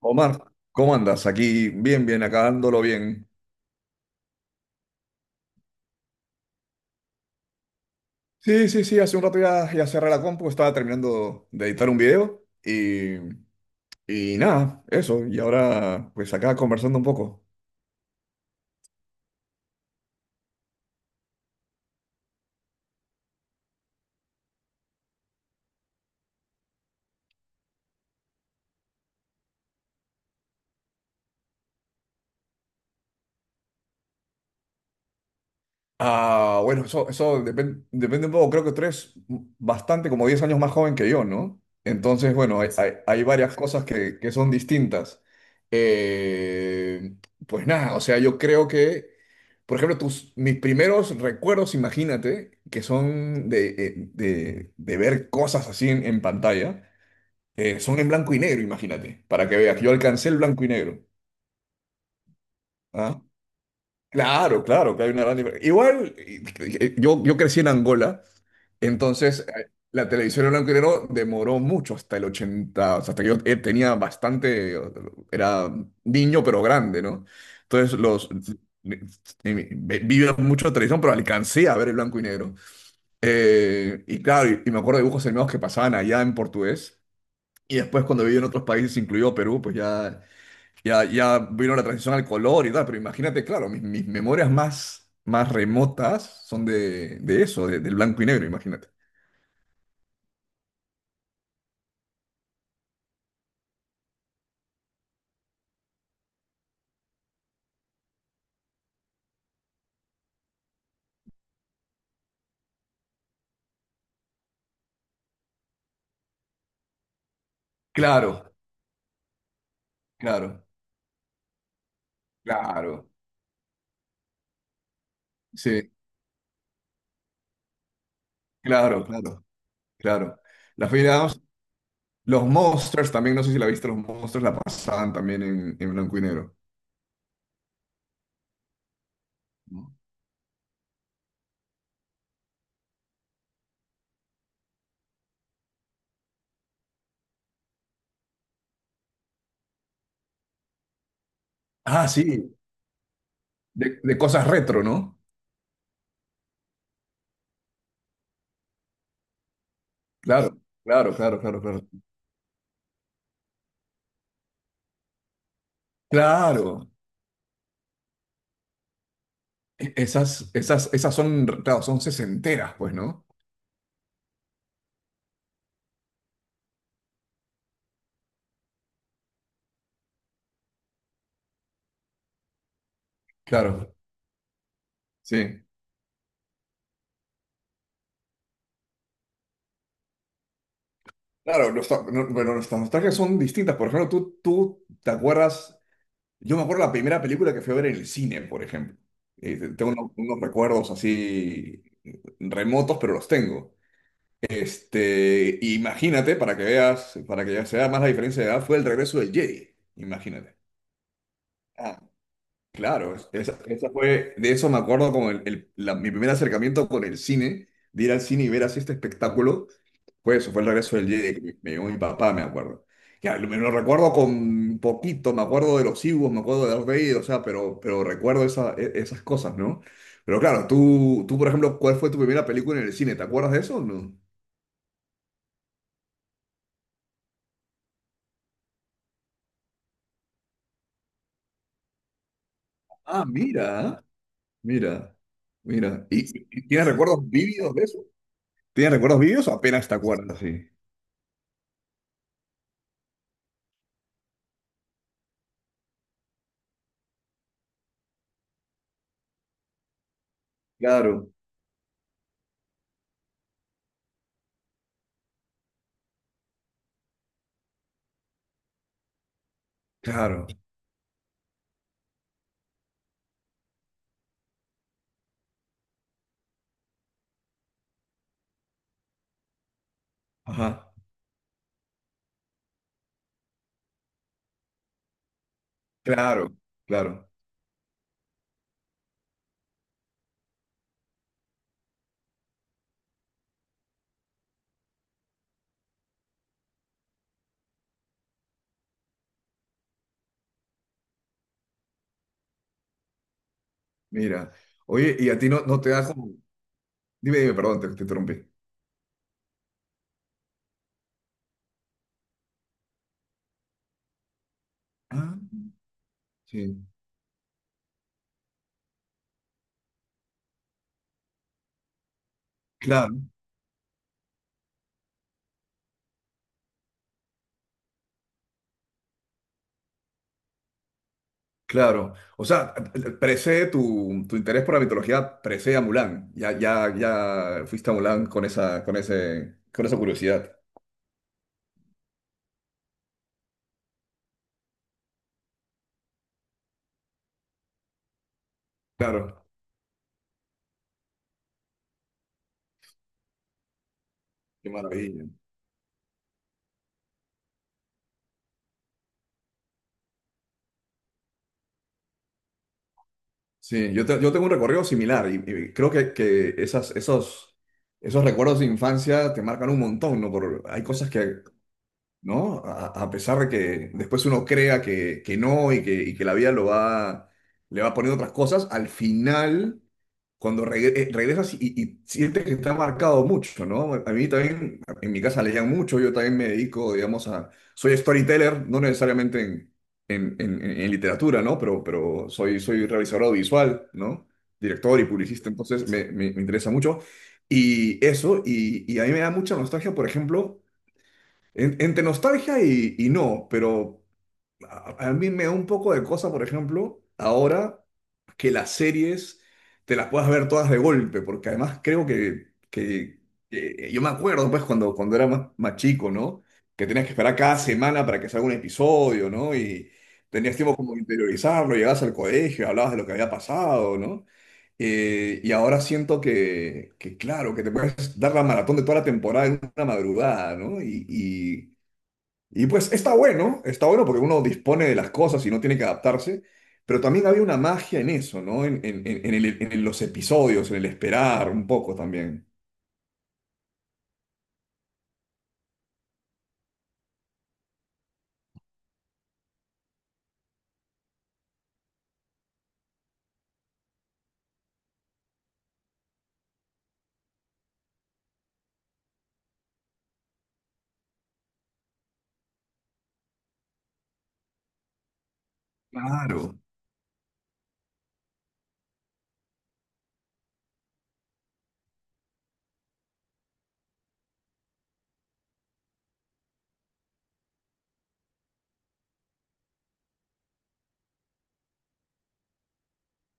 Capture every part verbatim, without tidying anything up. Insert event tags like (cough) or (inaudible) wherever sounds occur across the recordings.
Omar, ¿cómo andas? Aquí bien, bien, acá dándolo bien. Sí, sí, sí, hace un rato ya, ya cerré la compu, estaba terminando de editar un video y, y nada, eso. Y ahora, pues acá conversando un poco. Ah, bueno, eso, eso depen- depende un poco, creo que tú eres bastante, como diez años más joven que yo, ¿no? Entonces, bueno, hay, hay- hay varias cosas que, que son distintas. Eh, pues nada, o sea, yo creo que... Por ejemplo, tus, mis primeros recuerdos, imagínate, que son de, eh, de, de ver cosas así en, en pantalla, eh, son en blanco y negro, imagínate, para que veas. Yo alcancé el blanco y negro. ¿Ah? Claro, claro, que hay una gran diferencia. Igual, eh, eh, yo, yo crecí en Angola. Entonces, eh, la televisión en blanco y negro demoró mucho hasta el ochenta, o sea, hasta que yo eh, tenía bastante, o- era niño pero grande, ¿no? Entonces, los... eh, vi vi mucho televisión, pero alcancé a ver el blanco y negro. Eh, y claro, y, y me acuerdo de dibujos animados que pasaban allá en portugués. Y después cuando viví en otros países, incluido Perú, pues ya, ya, ya vino la transición al color y tal. Pero imagínate, claro, mis, mis memorias más, más remotas son de, de eso, de- del blanco y negro, imagínate. Claro. Claro, claro. Sí, claro, claro, claro. La Family Adams, los Monsters también, no sé si la viste. Los Monsters la pasaban también en, en blanco y negro. Ah, sí, de, de cosas retro, ¿no? Claro, claro, claro, claro, claro. Claro, e- esas, esas, esas son, claro, son sesenteras, pues, ¿no? Claro, sí. Claro, los, to- no, bueno, nuestras nostalgias son distintas. Por ejemplo, tú, tú te acuerdas. Yo me acuerdo la primera película que fui a ver en el cine, por ejemplo. Eh, te- tengo unos, unos recuerdos así eh, remotos, pero los tengo. Este, imagínate, para que veas, para que ya se vea más la diferencia de edad, fue el regreso del Jedi. Imagínate. Claro, esa, esa fue, de eso me acuerdo como el, el- la- mi primer acercamiento con el cine, de ir al cine y ver así este espectáculo, fue eso, fue el regreso del Jedi, que me me llevó mi papá, me acuerdo. Ya, lo- me lo recuerdo con poquito, me acuerdo de los Ewoks, me acuerdo de Darth Vader, o sea, pero, pero recuerdo esa- e- esas cosas, ¿no? Pero claro, tú, tú, por ejemplo, ¿cuál fue tu primera película en el cine? ¿Te acuerdas de eso o no? Ah, mira, mira, mira. ¿Y, y- tienes recuerdos vívidos de eso? ¿Tienes recuerdos vívidos o apenas te acuerdas? Sí. Claro. Claro, ajá, claro, claro. Mira, oye, y a ti no, no te da como. Dime, dime, perdón, te, te interrumpí. Ah, sí, claro, claro. O sea, precede tu, tu interés por la mitología, precede a Mulan. Ya, ya, ya fuiste a Mulan con esa, con ese, con esa curiosidad. Claro, qué maravilla. Sí, yo, te- yo tengo un recorrido similar y, y creo que, que esas, esos, esos recuerdos de infancia te marcan un montón, ¿no? Por, hay cosas que, ¿no? A, a pesar de que después uno crea que, que no y que, y que la vida lo va, le va poniendo otras cosas, al final, cuando regre- eh, regresas y, y sientes que está marcado mucho, ¿no? A mí también, en mi casa leían mucho, yo también me dedico, digamos, a... Soy storyteller, no necesariamente en, en, en- en- en literatura, ¿no? Pero, pero soy, soy realizador audiovisual, ¿no? Director y publicista, entonces me, me me interesa mucho. Y eso, y, y a mí me da mucha nostalgia, por ejemplo, en- entre nostalgia y, y no, pero a, a mí me da un poco de cosa, por ejemplo, ahora que las series te las puedas ver todas de golpe, porque además creo que, que- que eh, yo me acuerdo, pues, cuando, cuando era más, más chico, ¿no? Que tenías que esperar cada semana para que salga un episodio, ¿no? Y tenías tiempo como de interiorizarlo, llegabas al colegio, hablabas de lo que había pasado, ¿no? Eh, y ahora siento que, que, claro, que te puedes dar la maratón de toda la temporada en una madrugada, ¿no? Y, y pues está bueno, está bueno porque uno dispone de las cosas y no tiene que adaptarse, pero también había una magia en eso, ¿no? En, en- en- en el- en los episodios, en el esperar un poco también. Claro.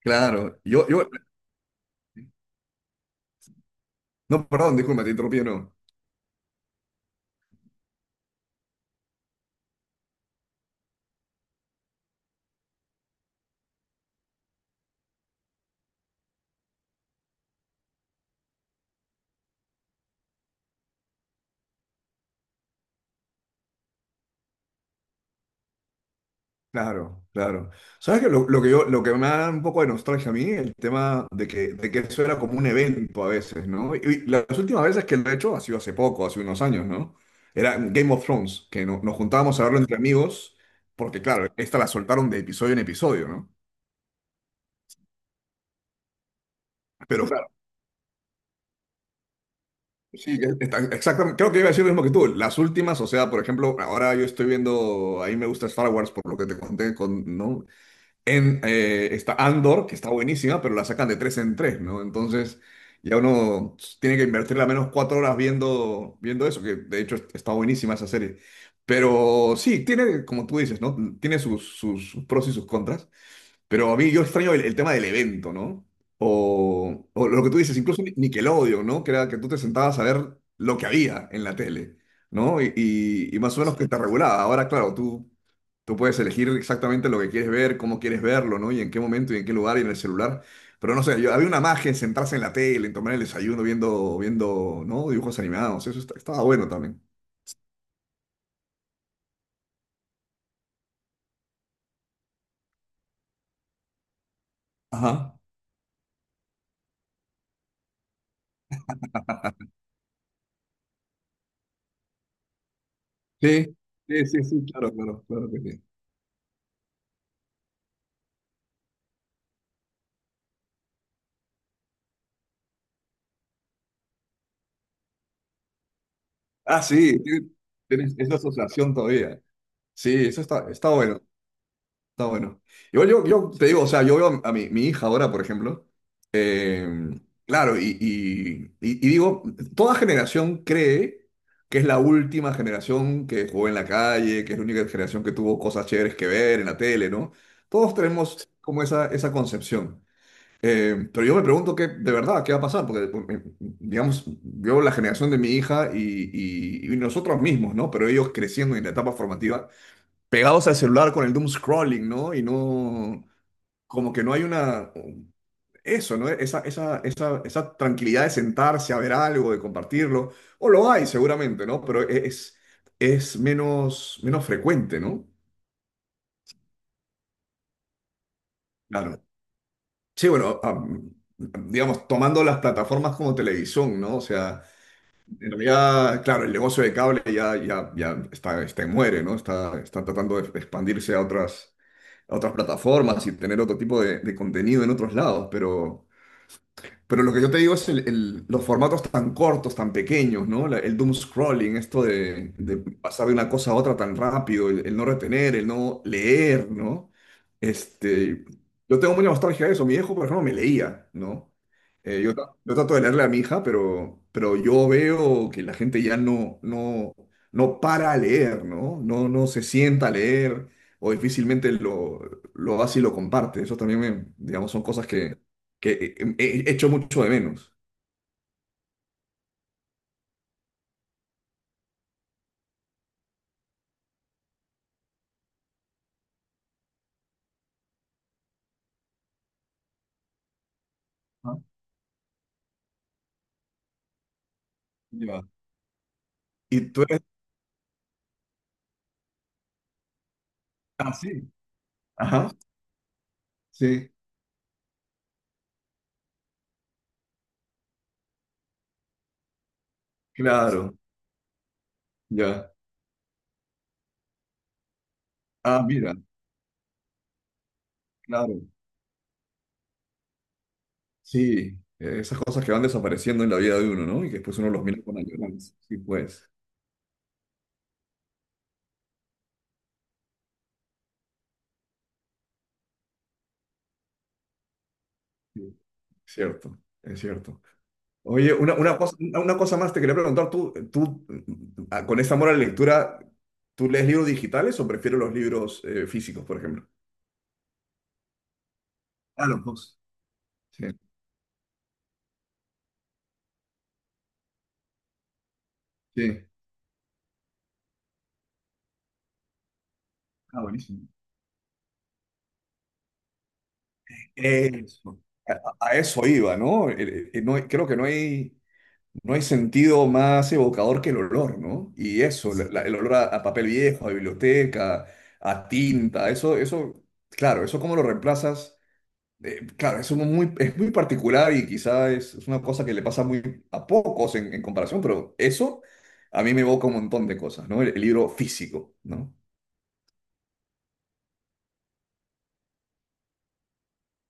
Claro, yo, yo, no, perdón, disculpa, te interrumpí, no. Claro, claro. ¿Sabes qué? Lo, lo que yo, lo que me da un poco de nostalgia a mí, el tema de que, de que eso era como un evento a veces, ¿no? Y, y las últimas veces que lo he hecho ha sido hace poco, hace unos años, ¿no? Era Game of Thrones, que no- nos juntábamos a verlo entre amigos, porque claro, esta la soltaron de episodio en episodio, ¿no? Pero claro, sí, que está- exactamente, creo que iba a decir lo mismo que tú. Las últimas, o sea, por ejemplo, ahora yo estoy viendo, a mí me gusta Star Wars, por lo que te conté, con, ¿no? En, eh, está Andor, que está buenísima, pero la sacan de tres en tres, ¿no? Entonces ya uno tiene que invertirle al menos cuatro horas viendo, viendo, eso, que de hecho está buenísima esa serie. Pero sí, tiene, como tú dices, ¿no? Tiene sus, sus sus pros y sus contras. Pero a mí yo extraño el, el tema del evento, ¿no? O, o lo que tú dices, incluso Ni- Nickelodeon, ¿no? Que era que tú te sentabas a ver lo que había en la tele, ¿no? Y, y- y más o menos que te regulaba. Ahora, claro, tú, tú puedes elegir exactamente lo que quieres ver, cómo quieres verlo, ¿no? Y en qué momento y en qué lugar y en el celular. Pero no sé, yo- había una magia en sentarse en la tele, en tomar el desayuno viendo, viendo, ¿no? Dibujos animados. Eso est- estaba bueno también. Ajá. Sí, sí, sí, sí, claro, claro, claro que sí. Ah, sí, tienes, tienes esa asociación todavía. Sí, eso está, está bueno, está bueno. Igual yo, yo te digo, o sea, yo veo a mi, mi hija ahora, por ejemplo, eh, claro, y, y- y- y digo, toda generación cree que es la última generación que jugó en la calle, que es la única generación que tuvo cosas chéveres que ver en la tele, ¿no? Todos tenemos como esa, esa concepción. Eh, pero yo me pregunto qué, de verdad, qué va a pasar, porque, eh, digamos, veo la generación de mi hija y, y y nosotros mismos, ¿no? Pero ellos creciendo en la etapa formativa pegados al celular con el doom scrolling, ¿no? Y no, como que no hay una, eso, ¿no? Esa, esa, esa, esa tranquilidad de sentarse a ver algo, de compartirlo, o lo hay seguramente, ¿no? Pero e, es, es menos, menos frecuente, ¿no? Claro. Sí, bueno, am, digamos, tomando las plataformas como televisión, ¿no? O sea, en realidad, claro, el negocio de cable ya, ya, ya está, está, muere, ¿no? Está, está tratando de expandirse a otras, a otras plataformas y tener otro tipo de, de contenido en otros lados, pero... Pero lo que yo te digo es el- el- los formatos tan cortos, tan pequeños, ¿no? La- el doom scrolling, esto de, de pasar de una cosa a otra tan rápido, el, el no retener, el no leer, ¿no? Este, yo tengo mucha nostalgia de eso. Mi hijo, por ejemplo, me leía, ¿no? Eh, yo, tra- yo trato de leerle a mi hija, pero, pero yo veo que la gente ya no, no, no para a leer, ¿no? No, no se sienta a leer o difícilmente lo, lo hace y lo comparte. Eso también, me- digamos, son cosas que que eh, eh, echo mucho de menos. Ah, ya. Y tú eres, ah, sí. Ajá. Sí, claro, ya, ah, mira. Claro. sí, eh, esas cosas que van desapareciendo en la vida de uno, ¿no? Y que después uno los mira con añoranza. Sí, pues. Sí, cierto, es cierto. Oye, una, una cosa, una cosa más te quería preguntar, tú, tú, mm, ah, con ese amor a la lectura, ¿tú lees libros digitales o prefieres los libros eh, físicos, por ejemplo? Ah, los dos. Sí. Sí. Ah, buenísimo. Eso. A, a eso iba, ¿no? Eh, eh, no hay- creo que no hay, no hay sentido más evocador que el olor, ¿no? Y eso, la- la- el olor a, a papel viejo, a biblioteca, a tinta, eso, eso, claro, eso cómo lo reemplazas. Eh, claro, eso es un muy, es muy particular y quizá es, es una cosa que le pasa muy a pocos en, en comparación, pero eso a mí me evoca un montón de cosas, ¿no? El, el libro físico, ¿no?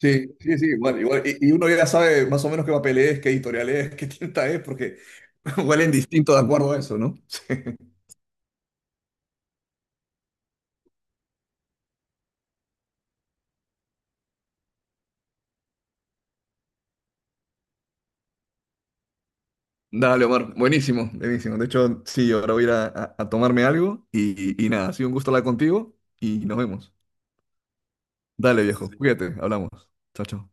Sí, sí, sí, igual, igual. Y, y uno ya sabe más o menos qué papel es, qué editorial es, (laughs) qué tinta es, porque (laughs) huelen distinto de acuerdo a eso, ¿no? (laughs) Sí. Dale, Omar. Buenísimo, buenísimo. De hecho, sí, ahora voy a ir a, a- a tomarme algo y, y nada, ha sido un gusto hablar contigo y nos vemos. Dale, viejo. Cuídate, hablamos. Chao, chao.